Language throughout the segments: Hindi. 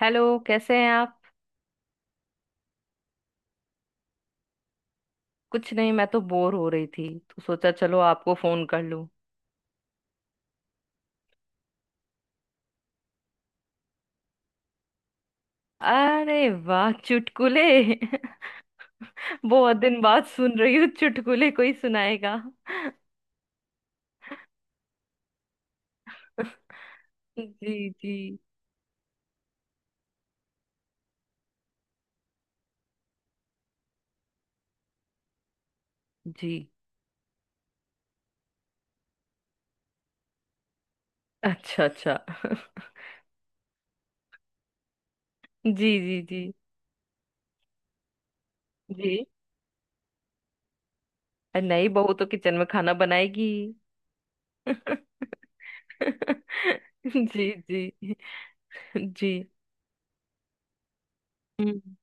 हेलो, कैसे हैं आप। कुछ नहीं, मैं तो बोर हो रही थी तो सोचा चलो आपको फोन कर लूं। अरे वाह, चुटकुले। बहुत दिन बाद सुन रही हूँ चुटकुले कोई सुनाएगा। जी जी जी। अच्छा अच्छा। जी जी जी जी। अरे नई बहू तो किचन में खाना बनाएगी। जी जी जी। हम्म,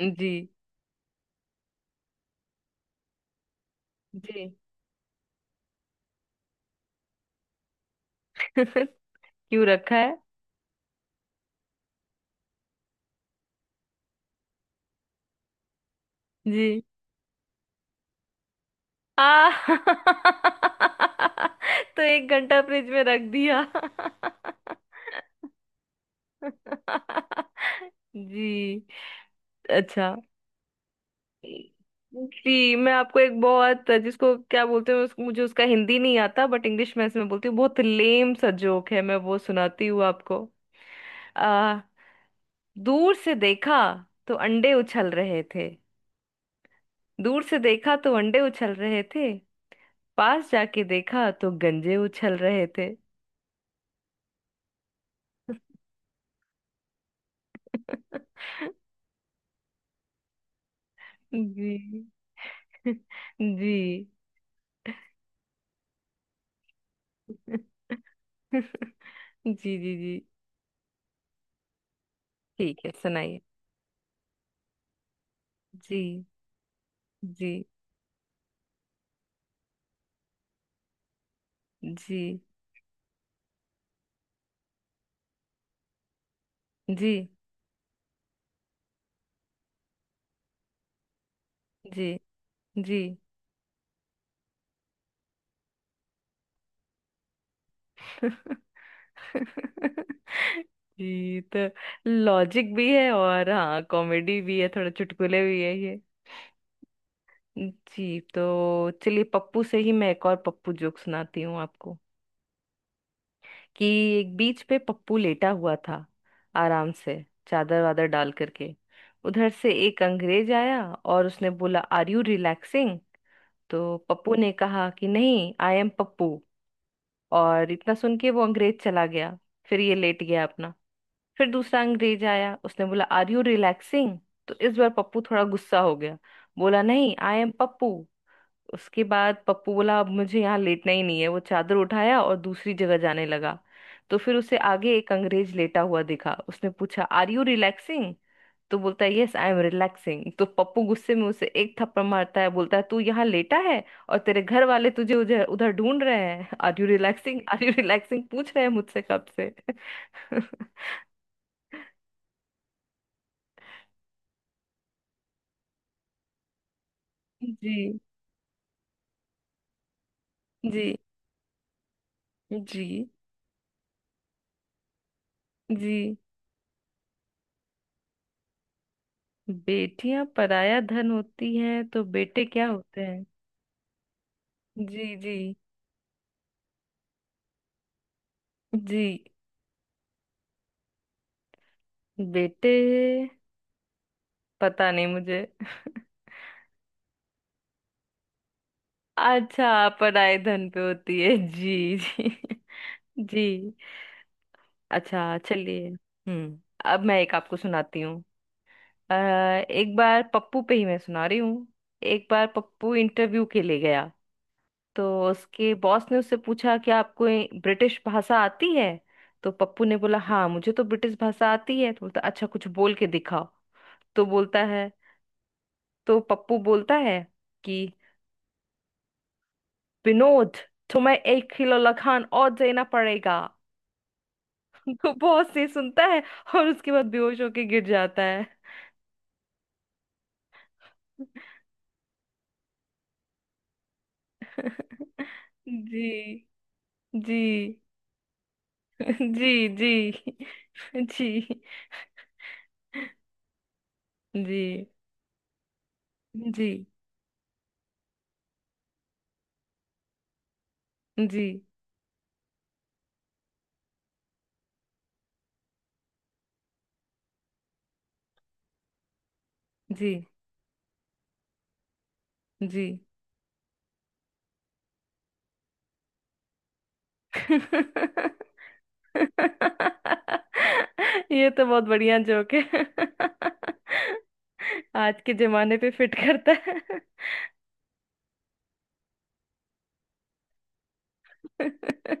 जी जी। क्यों रखा है? जी। आ तो 1 घंटा फ्रिज में रख दिया। जी। अच्छा। जी, मैं आपको एक बहुत, जिसको क्या बोलते हैं मुझे उसका हिंदी नहीं आता, बट इंग्लिश में इसमें बोलती हूँ। बहुत लेम सा जोक है, मैं वो सुनाती हूँ आपको। आ, दूर से देखा तो अंडे उछल रहे थे। दूर से देखा तो अंडे उछल रहे थे, पास जाके देखा तो गंजे उछल रहे थे। जी। जी। जी जी जी। ठीक है, सुनाइए। जी। जी जी जी जी जी। जी। तो लॉजिक भी है और हाँ कॉमेडी भी है, थोड़ा चुटकुले भी है ये। जी, तो चलिए पप्पू से ही मैं एक और पप्पू जोक सुनाती हूँ आपको। कि एक बीच पे पप्पू लेटा हुआ था आराम से, चादर वादर डाल करके। उधर से एक अंग्रेज आया और उसने बोला, आर यू रिलैक्सिंग? तो पप्पू ने कहा कि नहीं, आई एम पप्पू। और इतना सुन के वो अंग्रेज चला गया। फिर ये लेट गया अपना। फिर दूसरा अंग्रेज आया, उसने बोला, आर यू रिलैक्सिंग? तो इस बार पप्पू थोड़ा गुस्सा हो गया, बोला, नहीं आई एम पप्पू। उसके बाद पप्पू बोला, अब मुझे यहाँ लेटना ही नहीं है। वो चादर उठाया और दूसरी जगह जाने लगा। तो फिर उसे आगे एक अंग्रेज लेटा हुआ दिखा, उसने पूछा, आर यू रिलैक्सिंग? तो बोलता है, यस आई एम रिलैक्सिंग। तो पप्पू गुस्से में उसे एक थप्पड़ मारता है, बोलता है, तू यहाँ लेटा है और तेरे घर वाले तुझे उधर उधर ढूंढ रहे हैं, आर यू रिलैक्सिंग पूछ रहे हैं मुझसे कब से। जी जी जी जी। बेटियां पराया धन होती हैं तो बेटे क्या होते हैं? जी जी जी। बेटे, पता नहीं मुझे। अच्छा, पढ़ाई धन पे होती है, जी जी। जी। अच्छा चलिए। हम्म। अब मैं एक आपको सुनाती हूँ। अ, एक बार पप्पू पे ही मैं सुना रही हूँ। एक बार पप्पू इंटरव्यू के लिए गया। तो उसके बॉस ने उससे पूछा कि आपको ब्रिटिश भाषा आती है? तो पप्पू ने बोला, हाँ मुझे तो ब्रिटिश भाषा आती है। तो बोलता, अच्छा कुछ बोल के दिखाओ। तो बोलता है, तो पप्पू बोलता है कि विनोद, तुम्हें 1 किलो लखान और देना पड़ेगा। वो बहुत से सुनता है और उसके बाद बेहोश होके गिर जाता है। जी जी। जी जी। जी जी जी जी जी जी। ये तो बहुत बढ़िया जोक है। आज के जमाने पे फिट करता है।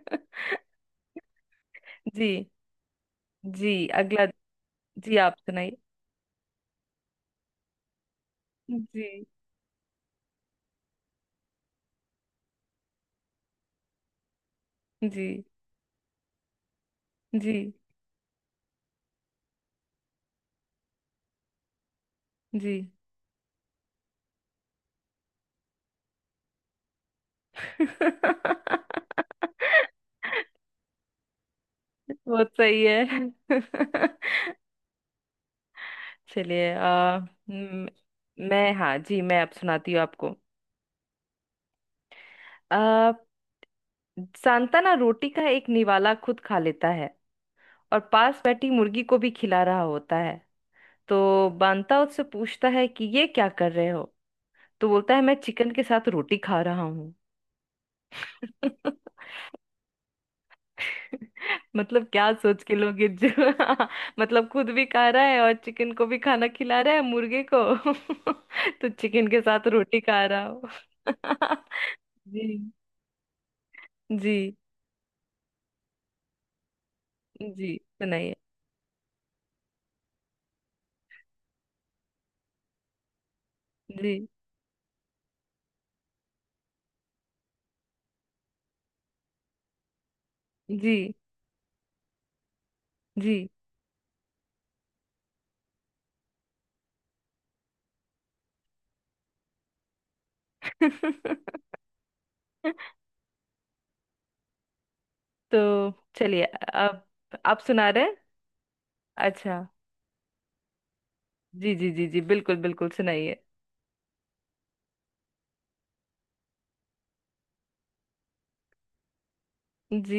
जी। जी अगला। जी आप सुनाइए। जी जी जी जी। बहुत सही है। चलिए मैं, हाँ जी मैं अब सुनाती हूँ आपको। आ, सांताना रोटी का एक निवाला खुद खा लेता है और पास बैठी मुर्गी को भी खिला रहा होता है। तो बांता उससे पूछता है कि ये क्या कर रहे हो? तो बोलता है, मैं चिकन के साथ रोटी खा रहा हूँ। मतलब क्या सोच के लोगे जो। मतलब खुद भी खा रहा है और चिकन को भी खाना खिला रहा है, मुर्गे को। तो चिकन के साथ रोटी खा रहा हो। जी। जी जी सुनाइए। जी जी जी। तो चलिए, अब आप सुना रहे हैं। अच्छा। जी जी जी जी बिल्कुल बिल्कुल, सुनाइए। जी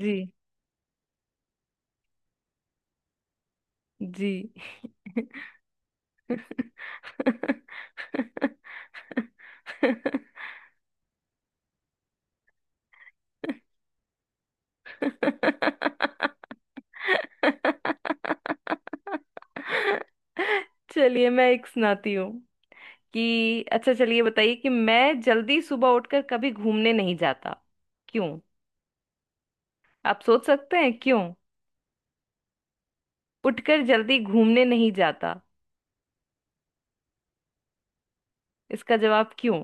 जी जी। चलिए मैं एक सुनाती हूँ। कि अच्छा चलिए, बताइए कि मैं जल्दी सुबह उठकर कभी घूमने नहीं जाता। क्यों? आप सोच सकते हैं क्यों? उठकर जल्दी घूमने नहीं जाता, इसका जवाब क्यों?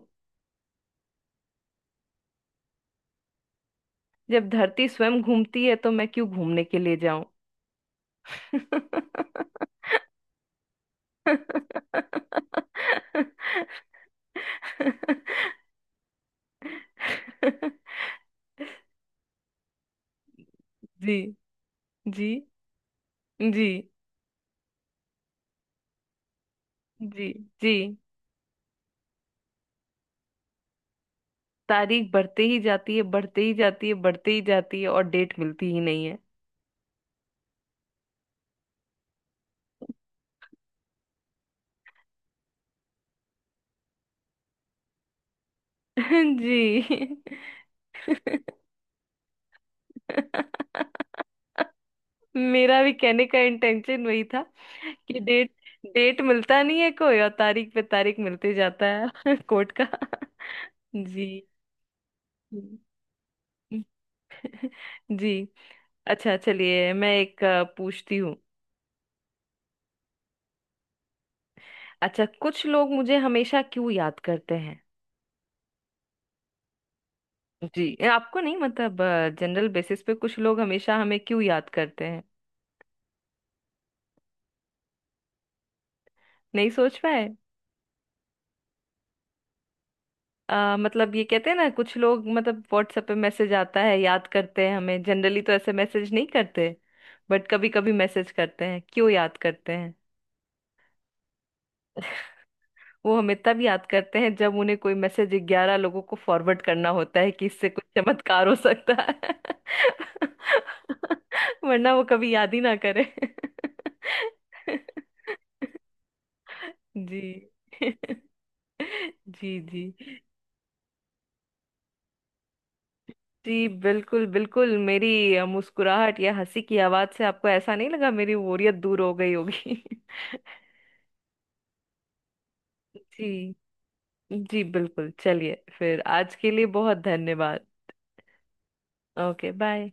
जब धरती स्वयं घूमती है तो मैं क्यों घूमने के लिए जाऊं। जी जी जी जी जी। तारीख बढ़ते ही जाती है, बढ़ते ही जाती है, बढ़ते ही जाती है, और डेट मिलती ही नहीं है। जी। मेरा भी कहने का इंटेंशन वही था कि डेट, डेट मिलता नहीं है कोई, और तारीख पे तारीख मिलते जाता है, कोर्ट का। जी। जी। अच्छा चलिए मैं एक पूछती हूँ। अच्छा, कुछ लोग मुझे हमेशा क्यों याद करते हैं? जी, ये आपको नहीं मतलब, जनरल बेसिस पे कुछ लोग हमेशा हमें क्यों याद करते हैं? नहीं सोच पाए। मतलब ये कहते हैं ना कुछ लोग, मतलब व्हाट्सएप पे मैसेज आता है, याद करते हैं हमें, जनरली तो ऐसे मैसेज नहीं करते। बट कभी कभी मैसेज करते हैं, क्यों याद करते हैं? वो हमें तब याद करते हैं जब उन्हें कोई मैसेज 11 लोगों को फॉरवर्ड करना होता है कि इससे कुछ चमत्कार हो सकता है। वरना वो कभी याद ही ना करे। जी। जी जी। जी बिल्कुल बिल्कुल, मेरी मुस्कुराहट या हंसी की आवाज से आपको ऐसा नहीं लगा मेरी बोरियत दूर हो गई होगी? जी। जी बिल्कुल, चलिए फिर आज के लिए बहुत धन्यवाद। Okay bye.